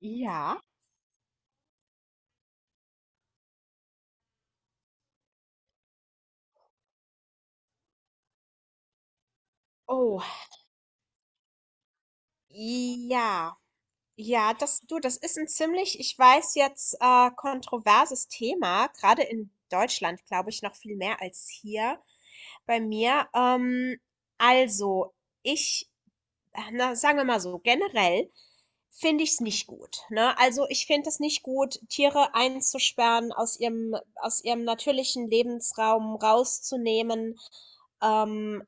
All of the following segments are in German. Ja. Oh, ja. Ja, das, du, das ist ein ziemlich, ich weiß jetzt, kontroverses Thema, gerade in Deutschland, glaube ich, noch viel mehr als hier bei mir. Also, ich, na, sagen wir mal so, generell finde ich es nicht gut, ne? Also, ich finde es nicht gut, Tiere einzusperren, aus ihrem natürlichen Lebensraum rauszunehmen. ähm,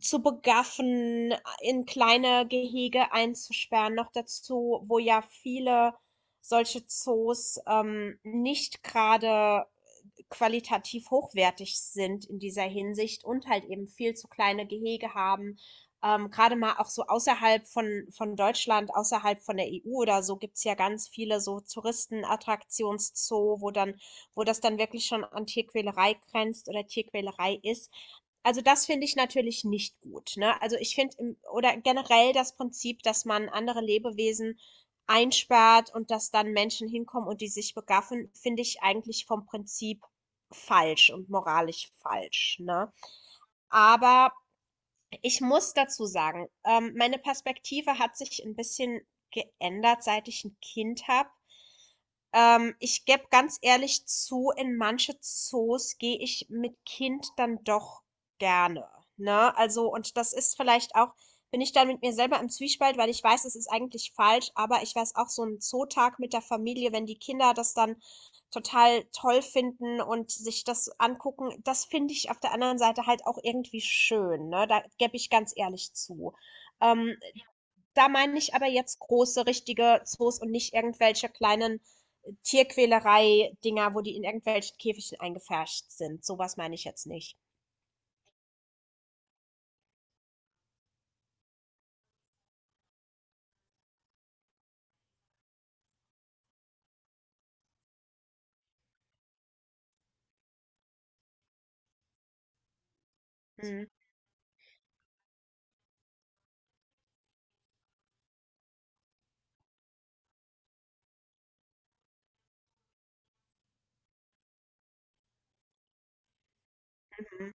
zu begaffen, in kleine Gehege einzusperren. Noch dazu, wo ja viele solche Zoos nicht gerade qualitativ hochwertig sind in dieser Hinsicht und halt eben viel zu kleine Gehege haben. Gerade mal auch so außerhalb von Deutschland, außerhalb von der EU oder so, gibt's ja ganz viele so Touristenattraktionszoo, wo das dann wirklich schon an Tierquälerei grenzt oder Tierquälerei ist. Also das finde ich natürlich nicht gut, ne? Also ich finde oder generell das Prinzip, dass man andere Lebewesen einsperrt und dass dann Menschen hinkommen und die sich begaffen, finde ich eigentlich vom Prinzip falsch und moralisch falsch, ne? Aber ich muss dazu sagen, meine Perspektive hat sich ein bisschen geändert, seit ich ein Kind habe. Ich gebe ganz ehrlich zu, in manche Zoos gehe ich mit Kind dann doch gerne, ne? Also, und das ist vielleicht auch, bin ich dann mit mir selber im Zwiespalt, weil ich weiß, es ist eigentlich falsch, aber ich weiß auch, so ein Zootag mit der Familie, wenn die Kinder das dann total toll finden und sich das angucken, das finde ich auf der anderen Seite halt auch irgendwie schön, ne? Da gebe ich ganz ehrlich zu. Ähm, da meine ich aber jetzt große, richtige Zoos und nicht irgendwelche kleinen Tierquälerei-Dinger, wo die in irgendwelchen Käfigchen eingepfercht sind. Sowas meine ich jetzt nicht. Mhm, mhm.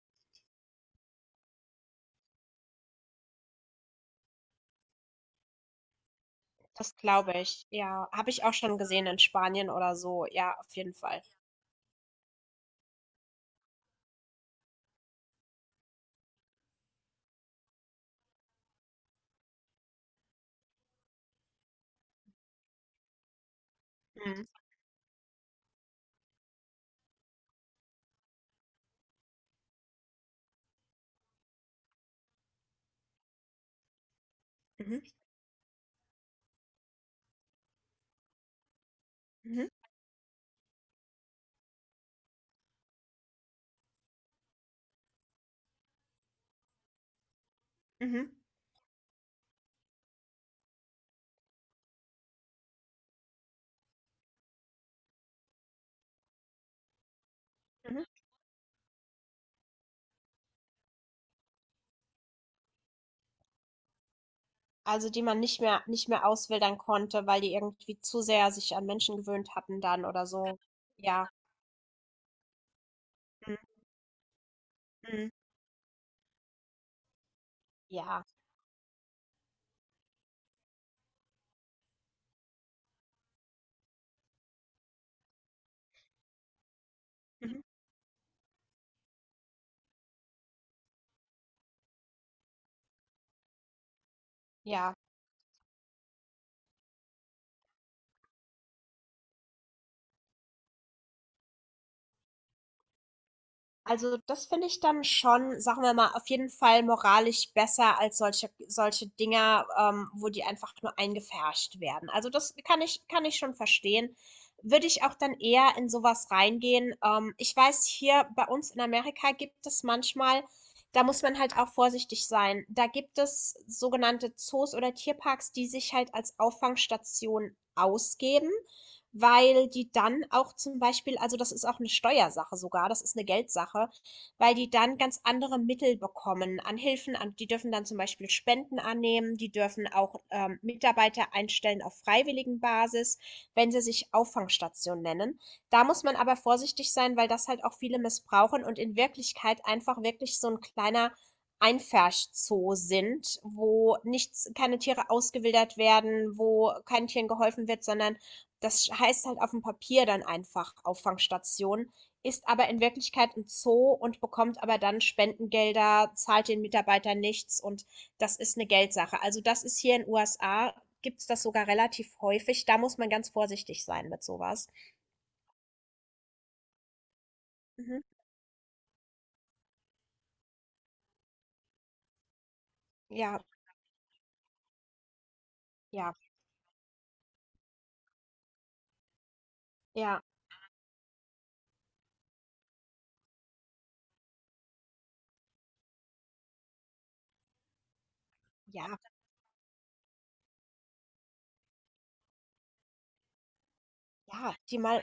Das glaube ich. Ja, habe ich auch schon gesehen in Spanien oder so. Ja, auf jeden Fall. Mhm. Mhm. Mhm. Mhm. Mhm. Also, die man nicht mehr auswildern konnte, weil die irgendwie zu sehr sich an Menschen gewöhnt hatten dann oder so. Ja. Mhm. Mhm. Ja. Mhm. Ja. Also, das finde ich dann schon, sagen wir mal, auf jeden Fall moralisch besser als solche Dinger, wo die einfach nur eingepfercht werden. Also, das kann ich schon verstehen. Würde ich auch dann eher in sowas reingehen. Ich weiß, hier bei uns in Amerika gibt es manchmal da muss man halt auch vorsichtig sein. Da gibt es sogenannte Zoos oder Tierparks, die sich halt als Auffangstation ausgeben, weil die dann auch zum Beispiel, also das ist auch eine Steuersache sogar, das ist eine Geldsache, weil die dann ganz andere Mittel bekommen an Hilfen. An, die dürfen dann zum Beispiel Spenden annehmen, die dürfen auch Mitarbeiter einstellen auf Freiwilligenbasis, wenn sie sich Auffangstation nennen. Da muss man aber vorsichtig sein, weil das halt auch viele missbrauchen und in Wirklichkeit einfach wirklich so ein kleiner Einfärschzoo sind, wo nichts, keine Tiere ausgewildert werden, wo kein Tieren geholfen wird, sondern das heißt halt auf dem Papier dann einfach Auffangstation, ist aber in Wirklichkeit ein Zoo und bekommt aber dann Spendengelder, zahlt den Mitarbeitern nichts und das ist eine Geldsache. Also, das ist hier in USA gibt's das sogar relativ häufig. Da muss man ganz vorsichtig sein mit sowas. Mhm. Ja, ja, ja, ja, ja, die mal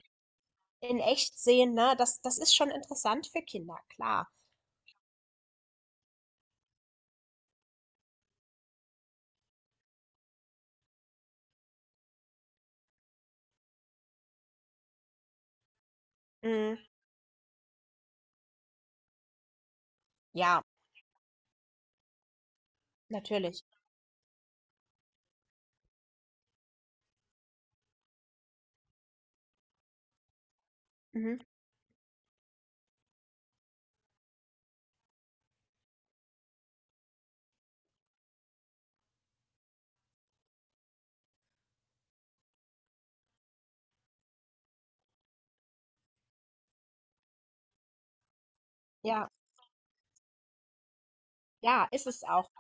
in echt sehen, ne? Das ist schon interessant für Kinder, klar. Mhm. Ja, natürlich. Mhm. Ja, ja, ist es auch.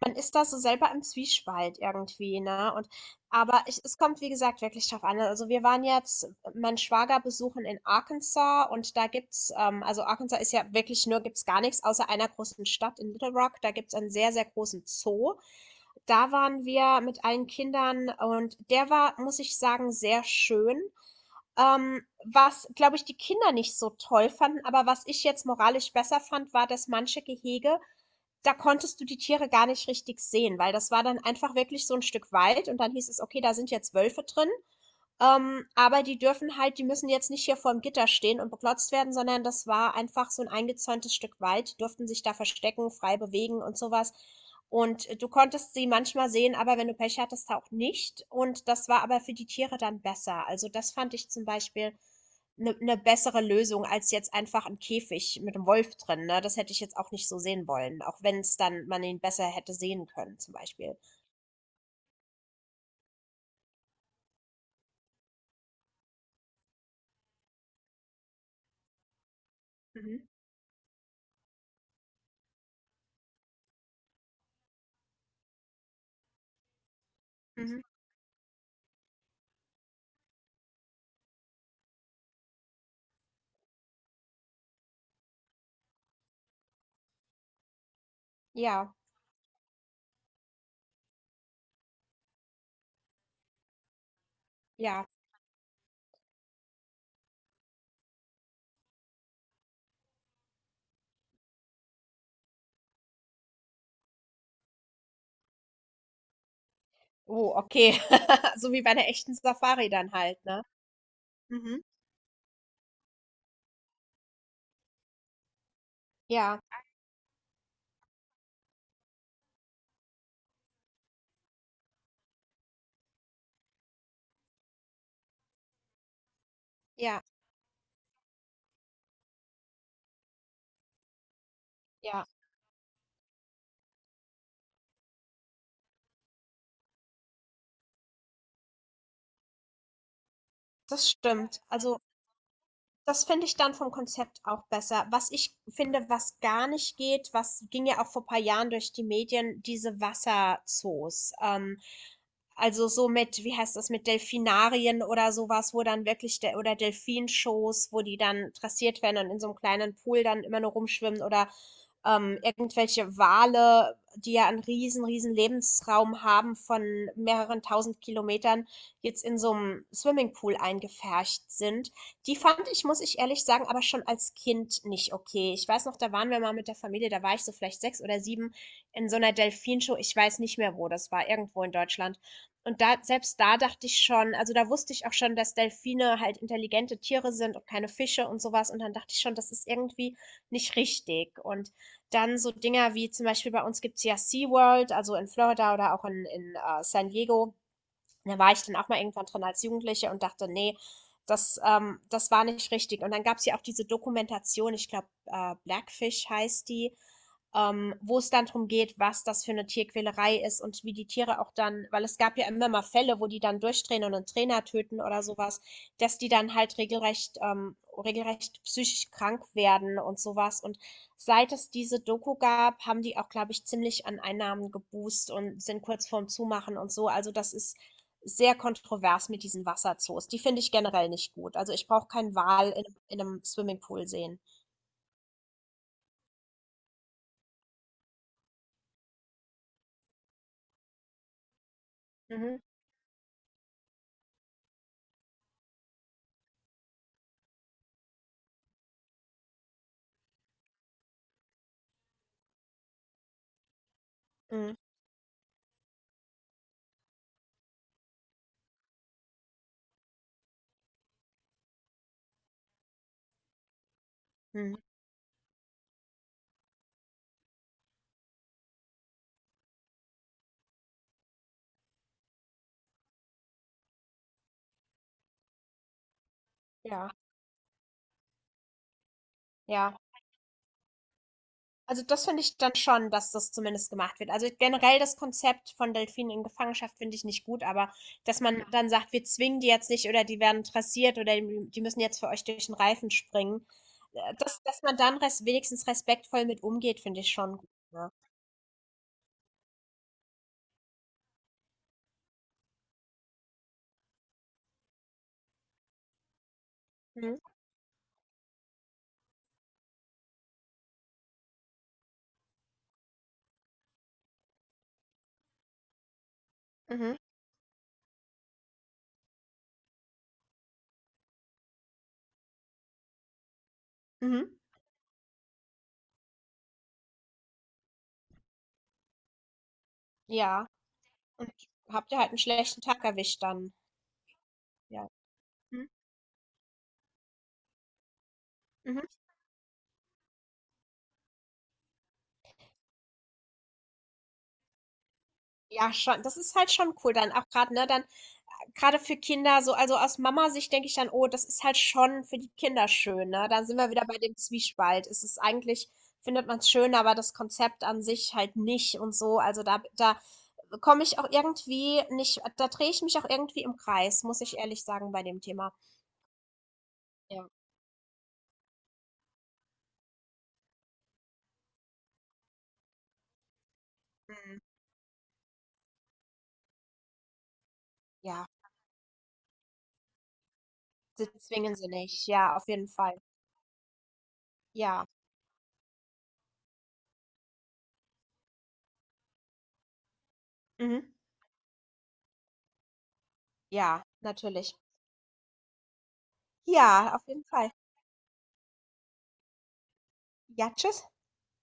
Man ist da so selber im Zwiespalt irgendwie, ne? Und aber ich es kommt, wie gesagt, wirklich drauf an. Also wir waren jetzt mein Schwager besuchen in Arkansas und da gibt's, also Arkansas ist ja wirklich nur, gibt's gar nichts außer einer großen Stadt in Little Rock. Da gibt's einen sehr, sehr großen Zoo. Da waren wir mit allen Kindern und der war, muss ich sagen, sehr schön. Ähm, was, glaube ich, die Kinder nicht so toll fanden, aber was ich jetzt moralisch besser fand, war, dass manche Gehege da konntest du die Tiere gar nicht richtig sehen, weil das war dann einfach wirklich so ein Stück Wald und dann hieß es: „Okay, da sind jetzt Wölfe drin“, aber die dürfen halt die müssen jetzt nicht hier vorm Gitter stehen und beklotzt werden, sondern das war einfach so ein eingezäuntes Stück Wald. Die durften sich da verstecken, frei bewegen und sowas. Was. Und du konntest sie manchmal sehen, aber wenn du Pech hattest, auch nicht. Und das war aber für die Tiere dann besser. Also, das fand ich zum Beispiel eine 'ne bessere Lösung als jetzt einfach 'n Käfig mit 'nem Wolf drin, ne? Das hätte ich jetzt auch nicht so sehen wollen, auch wenn es dann man ihn besser hätte sehen können zum Beispiel. Mhm, mhm. Ja, ja. Oh, okay. So wie bei 'ner echten Safari dann halt, ne? Mhm. Ja, ja, ja, das stimmt. Also, das finde ich dann vom Konzept auch besser. Was ich finde, was gar nicht geht, was ging ja auch vor ein paar Jahren durch die Medien, diese Wasserzoos. Also, so mit wie heißt das, mit Delfinarien oder sowas, wo dann wirklich der oder Delfinshows, wo die dann dressiert werden und in so einem kleinen Pool dann immer nur rumschwimmen oder irgendwelche Wale, die ja einen riesen Lebensraum haben von mehreren tausend Kilometern, jetzt in so einem Swimmingpool eingepfercht sind. Die fand ich, muss ich ehrlich sagen, aber schon als Kind nicht okay. Ich weiß noch, da waren wir mal mit der Familie, da war ich so vielleicht 6 oder 7, in so einer Delfinshow. Ich weiß nicht mehr, wo das war, irgendwo in Deutschland. Und da, selbst da dachte ich schon, also da wusste ich auch schon, dass Delfine halt intelligente Tiere sind und keine Fische und sowas. Und dann dachte ich schon, das ist irgendwie nicht richtig. Und dann so Dinger wie zum Beispiel bei uns gibt's ja SeaWorld, also in Florida oder auch in San Diego. Da war ich dann auch mal irgendwann drin als Jugendliche und dachte: „Nee, das war nicht richtig.“ Und dann gab's ja auch diese Dokumentation, ich glaube, Blackfish heißt die, wo es dann darum geht, was das für eine Tierquälerei ist und wie die Tiere auch dann, weil es gab ja immer mal Fälle, wo die dann durchdrehen und einen Trainer töten oder sowas, dass die dann halt regelrecht, regelrecht psychisch krank werden und sowas. Und seit es diese Doku gab, haben die auch, glaube ich, ziemlich an Einnahmen geboost und sind kurz vorm Zumachen und so. Also das ist sehr kontrovers mit diesen Wasserzoos. Die finde ich generell nicht gut. Also ich brauche keinen Wal in einem Swimmingpool sehen. Mhm. Mhm. Mhm. Ja, ja. Also, das finde ich dann schon, dass das zumindest gemacht wird. Also, generell das Konzept von Delfinen in Gefangenschaft finde ich nicht gut, aber dass man Ja. dann sagt, wir zwingen die jetzt nicht oder die werden dressiert oder die müssen jetzt für euch durch den Reifen springen. Ja. dass man dann res wenigstens respektvoll mit umgeht, finde ich schon gut, ne? Mhm, mhm, mhm. Ja, und habt ihr halt einen schlechten Tag erwischt dann. Ja. Mhm, mhm. Ja, schon. Das ist halt schon cool dann auch gerade ne, dann gerade für Kinder so also aus Mama-Sicht denke ich dann: „Oh, das ist halt schon für die Kinder schön“, ne? Da sind wir wieder bei dem Zwiespalt. Es ist eigentlich findet man es schön, aber das Konzept an sich halt nicht und so. Also, da komme ich auch irgendwie nicht da drehe ich mich auch irgendwie im Kreis, muss ich ehrlich sagen, bei dem Thema. Ja. Mhm. Ja, sie zwingen sie nicht. Ja, auf jeden Fall. Ja. Mhm. Ja, natürlich. Ja, auf jeden Fall. Ja, tschüss.